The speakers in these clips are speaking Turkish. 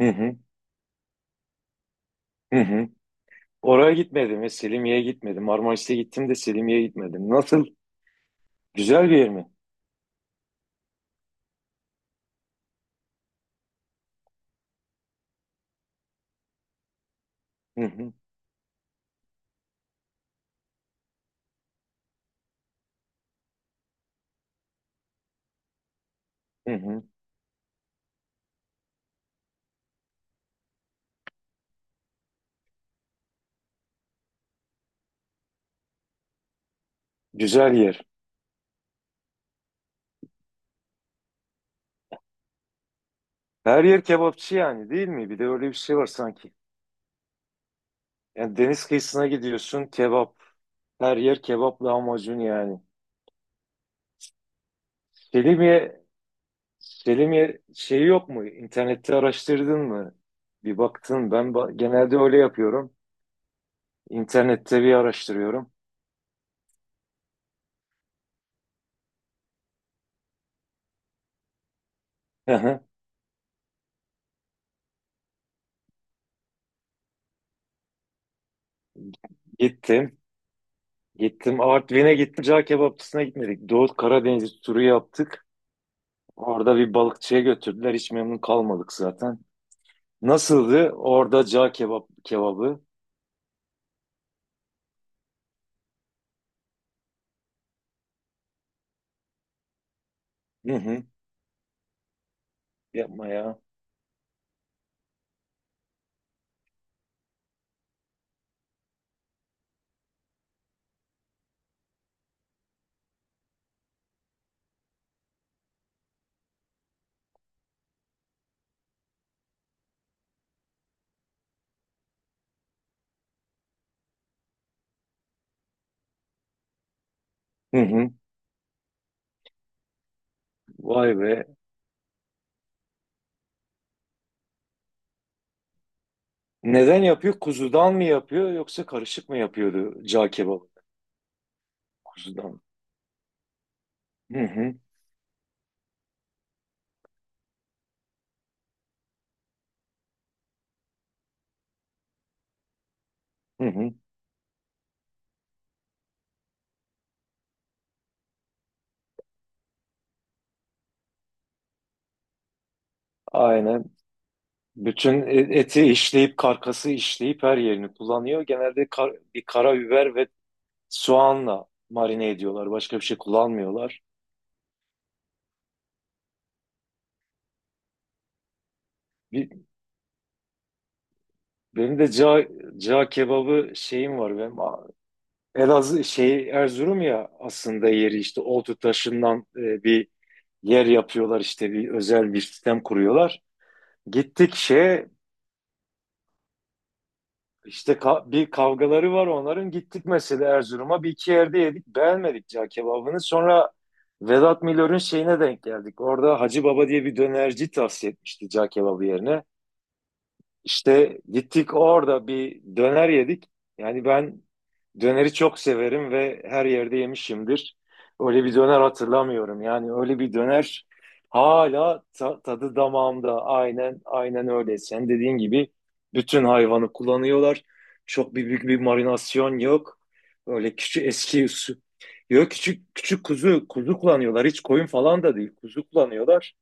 Hı hı, hı hı. Oraya gitmedim ya, Selimiye'ye gitmedim. Marmaris'e gittim de Selimiye'ye gitmedim. Nasıl? Güzel bir yer mi? Hı hı, hı hı. Güzel yer. Her yer kebapçı yani, değil mi? Bir de öyle bir şey var sanki. Yani deniz kıyısına gidiyorsun, kebap. Her yer kebap lahmacun yani. Selimiye, Selimiye şeyi yok mu? İnternette araştırdın mı? Bir baktın. Ben genelde öyle yapıyorum. İnternette bir araştırıyorum. Hı hı. Gittim. Gittim, Artvin'e gittim. Cağ kebapçısına gitmedik. Doğu Karadeniz turu yaptık. Orada bir balıkçıya götürdüler. Hiç memnun kalmadık zaten. Nasıldı orada cağ kebabı. Hı hı. Yapma ya. Hı hı. Vay be. Neden yapıyor? Kuzudan mı yapıyor, yoksa karışık mı yapıyordu cağ kebabı? Kuzudan. Hı hı. Hı hı. Aynen. Bütün eti işleyip, karkası işleyip her yerini kullanıyor. Genelde bir karabiber ve soğanla marine ediyorlar. Başka bir şey kullanmıyorlar. Bir, Benim de cağ kebabı şeyim var benim. Elazığ şey, Erzurum ya aslında yeri, işte oltu taşından bir yer yapıyorlar, işte bir özel bir sistem kuruyorlar. Gittik şeye, işte bir kavgaları var onların. Gittik mesela Erzurum'a, bir iki yerde yedik, beğenmedik cağ kebabını. Sonra Vedat Milor'un şeyine denk geldik. Orada Hacı Baba diye bir dönerci tavsiye etmişti cağ kebabı yerine. İşte gittik, orada bir döner yedik. Yani ben döneri çok severim ve her yerde yemişimdir. Öyle bir döner hatırlamıyorum. Yani öyle bir döner, hala tadı damağımda. Aynen aynen öyle. Sen dediğin gibi bütün hayvanı kullanıyorlar. Çok bir Büyük bir marinasyon yok. Öyle küçük, eski usul. Yok, küçük küçük kuzu kuzu kullanıyorlar. Hiç koyun falan da değil. Kuzu kullanıyorlar.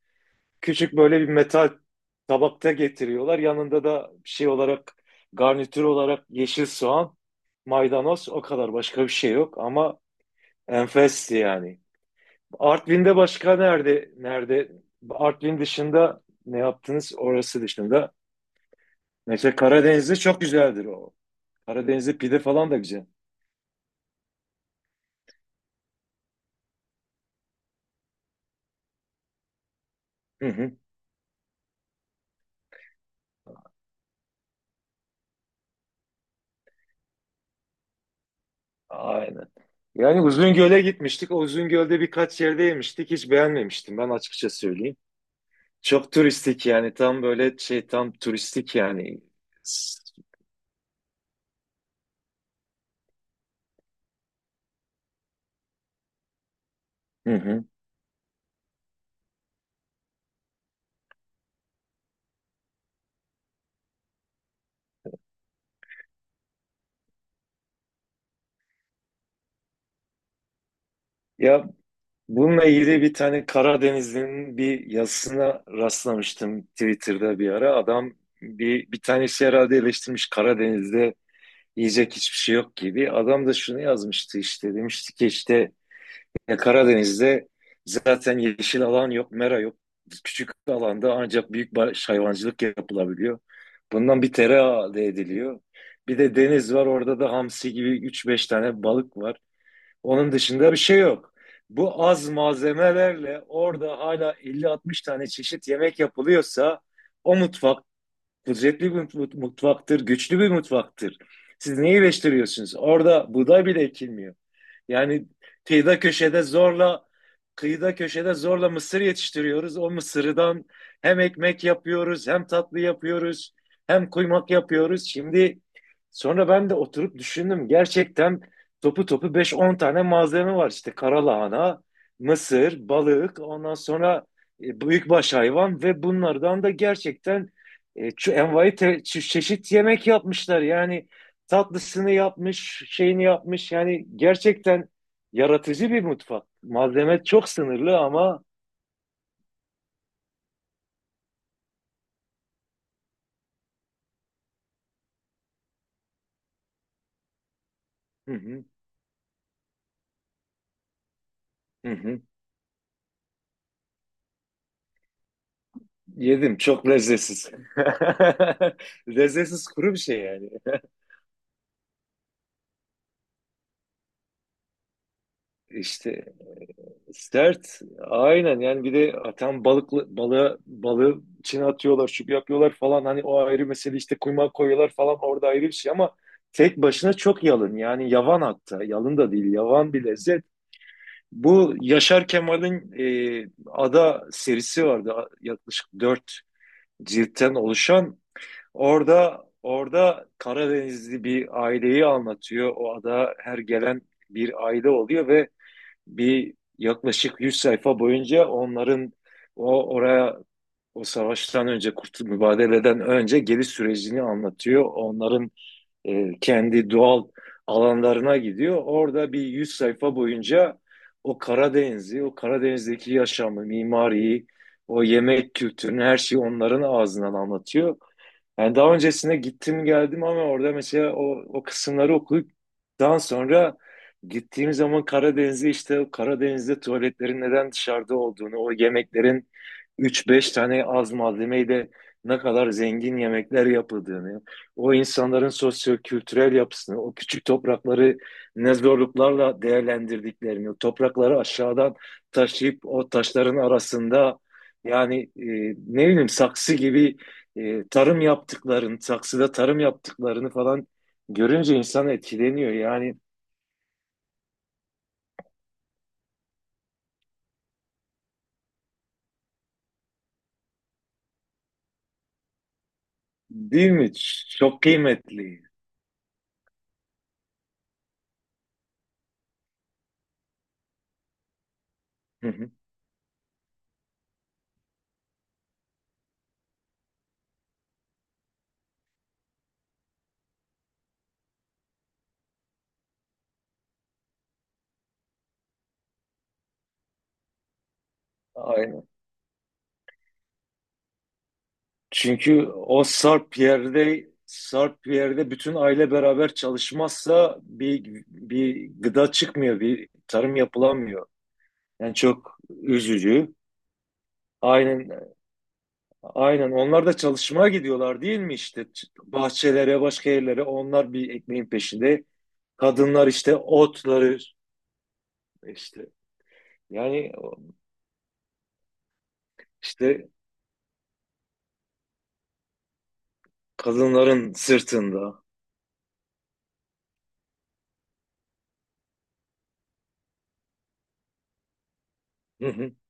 Küçük, böyle bir metal tabakta getiriyorlar. Yanında da şey olarak, garnitür olarak yeşil soğan, maydanoz, o kadar, başka bir şey yok ama enfesti yani. Artvin'de başka nerede, Artvin dışında ne yaptınız, orası dışında? Mesela Karadeniz'de çok güzeldir o. Karadeniz'de pide falan da güzel. Hı hı. Aynen. Yani Uzungöl'e gitmiştik. O Uzungöl'de birkaç yerde yemiştik. Hiç beğenmemiştim ben, açıkça söyleyeyim. Çok turistik yani, tam böyle şey, tam turistik yani. Hı hı. Ya, bununla ilgili bir tane Karadenizli'nin bir yazısına rastlamıştım Twitter'da bir ara. Adam, bir tanesi herhalde eleştirmiş Karadeniz'de yiyecek hiçbir şey yok gibi. Adam da şunu yazmıştı, işte demişti ki, işte, ya Karadeniz'de zaten yeşil alan yok, mera yok. Küçük alanda ancak büyük baş hayvancılık yapılabiliyor. Bundan bir tereyağı elde ediliyor. Bir de deniz var, orada da hamsi gibi üç beş tane balık var. Onun dışında bir şey yok. Bu az malzemelerle orada hala elli altmış tane çeşit yemek yapılıyorsa, o mutfak kudretli bir mutfaktır, güçlü bir mutfaktır. Siz neyi eleştiriyorsunuz? Orada buğday bile ekilmiyor. Yani kıyıda köşede zorla kıyıda köşede zorla mısır yetiştiriyoruz. O mısırdan hem ekmek yapıyoruz, hem tatlı yapıyoruz, hem kuymak yapıyoruz. Şimdi, sonra ben de oturup düşündüm. Gerçekten topu topu beş on tane malzeme var. İşte karalahana, mısır, balık, ondan sonra büyükbaş hayvan. Ve bunlardan da gerçekten envai çeşit yemek yapmışlar. Yani tatlısını yapmış, şeyini yapmış. Yani gerçekten yaratıcı bir mutfak. Malzeme çok sınırlı ama. Hı hı, hı hı. Yedim, çok lezzetsiz. Lezzetsiz, kuru bir şey yani. İşte. Sert. Aynen, yani bir de atan balıklı balığı içine atıyorlar, şu yapıyorlar falan, hani o ayrı mesele, işte kuymağı koyuyorlar falan orada, ayrı bir şey ama tek başına çok yalın yani, yavan, hatta yalın da değil, yavan bir lezzet. Bu Yaşar Kemal'in Ada serisi vardı, yaklaşık dört ciltten oluşan. Orada Karadenizli bir aileyi anlatıyor. O ada her gelen bir aile oluyor ve bir yaklaşık 100 sayfa boyunca onların o oraya, o savaştan önce, mübadeleden önce geliş sürecini anlatıyor. Onların kendi doğal alanlarına gidiyor. Orada bir 100 sayfa boyunca o Karadeniz'i, o Karadeniz'deki yaşamı, mimariyi, o yemek kültürünü, her şeyi onların ağzından anlatıyor. Yani daha öncesine gittim geldim ama orada mesela o kısımları okuduktan sonra gittiğim zaman Karadeniz'e, işte o Karadeniz'de tuvaletlerin neden dışarıda olduğunu, o yemeklerin üç beş tane az malzemeyle ne kadar zengin yemekler yapıldığını, o insanların sosyo-kültürel yapısını, o küçük toprakları ne zorluklarla değerlendirdiklerini, o toprakları aşağıdan taşıyıp o taşların arasında, yani ne bileyim, saksı gibi tarım yaptıklarını, saksıda tarım yaptıklarını falan görünce insan etkileniyor. Yani değil mi? Çok kıymetli. Hı hı. Aynen. Çünkü o sarp yerde bütün aile beraber çalışmazsa bir gıda çıkmıyor, bir tarım yapılamıyor. Yani çok üzücü. Aynen, aynen. Onlar da çalışmaya gidiyorlar değil mi işte? Bahçelere, başka yerlere, onlar bir ekmeğin peşinde. Kadınlar işte otları, İşte yani, işte kadınların sırtında.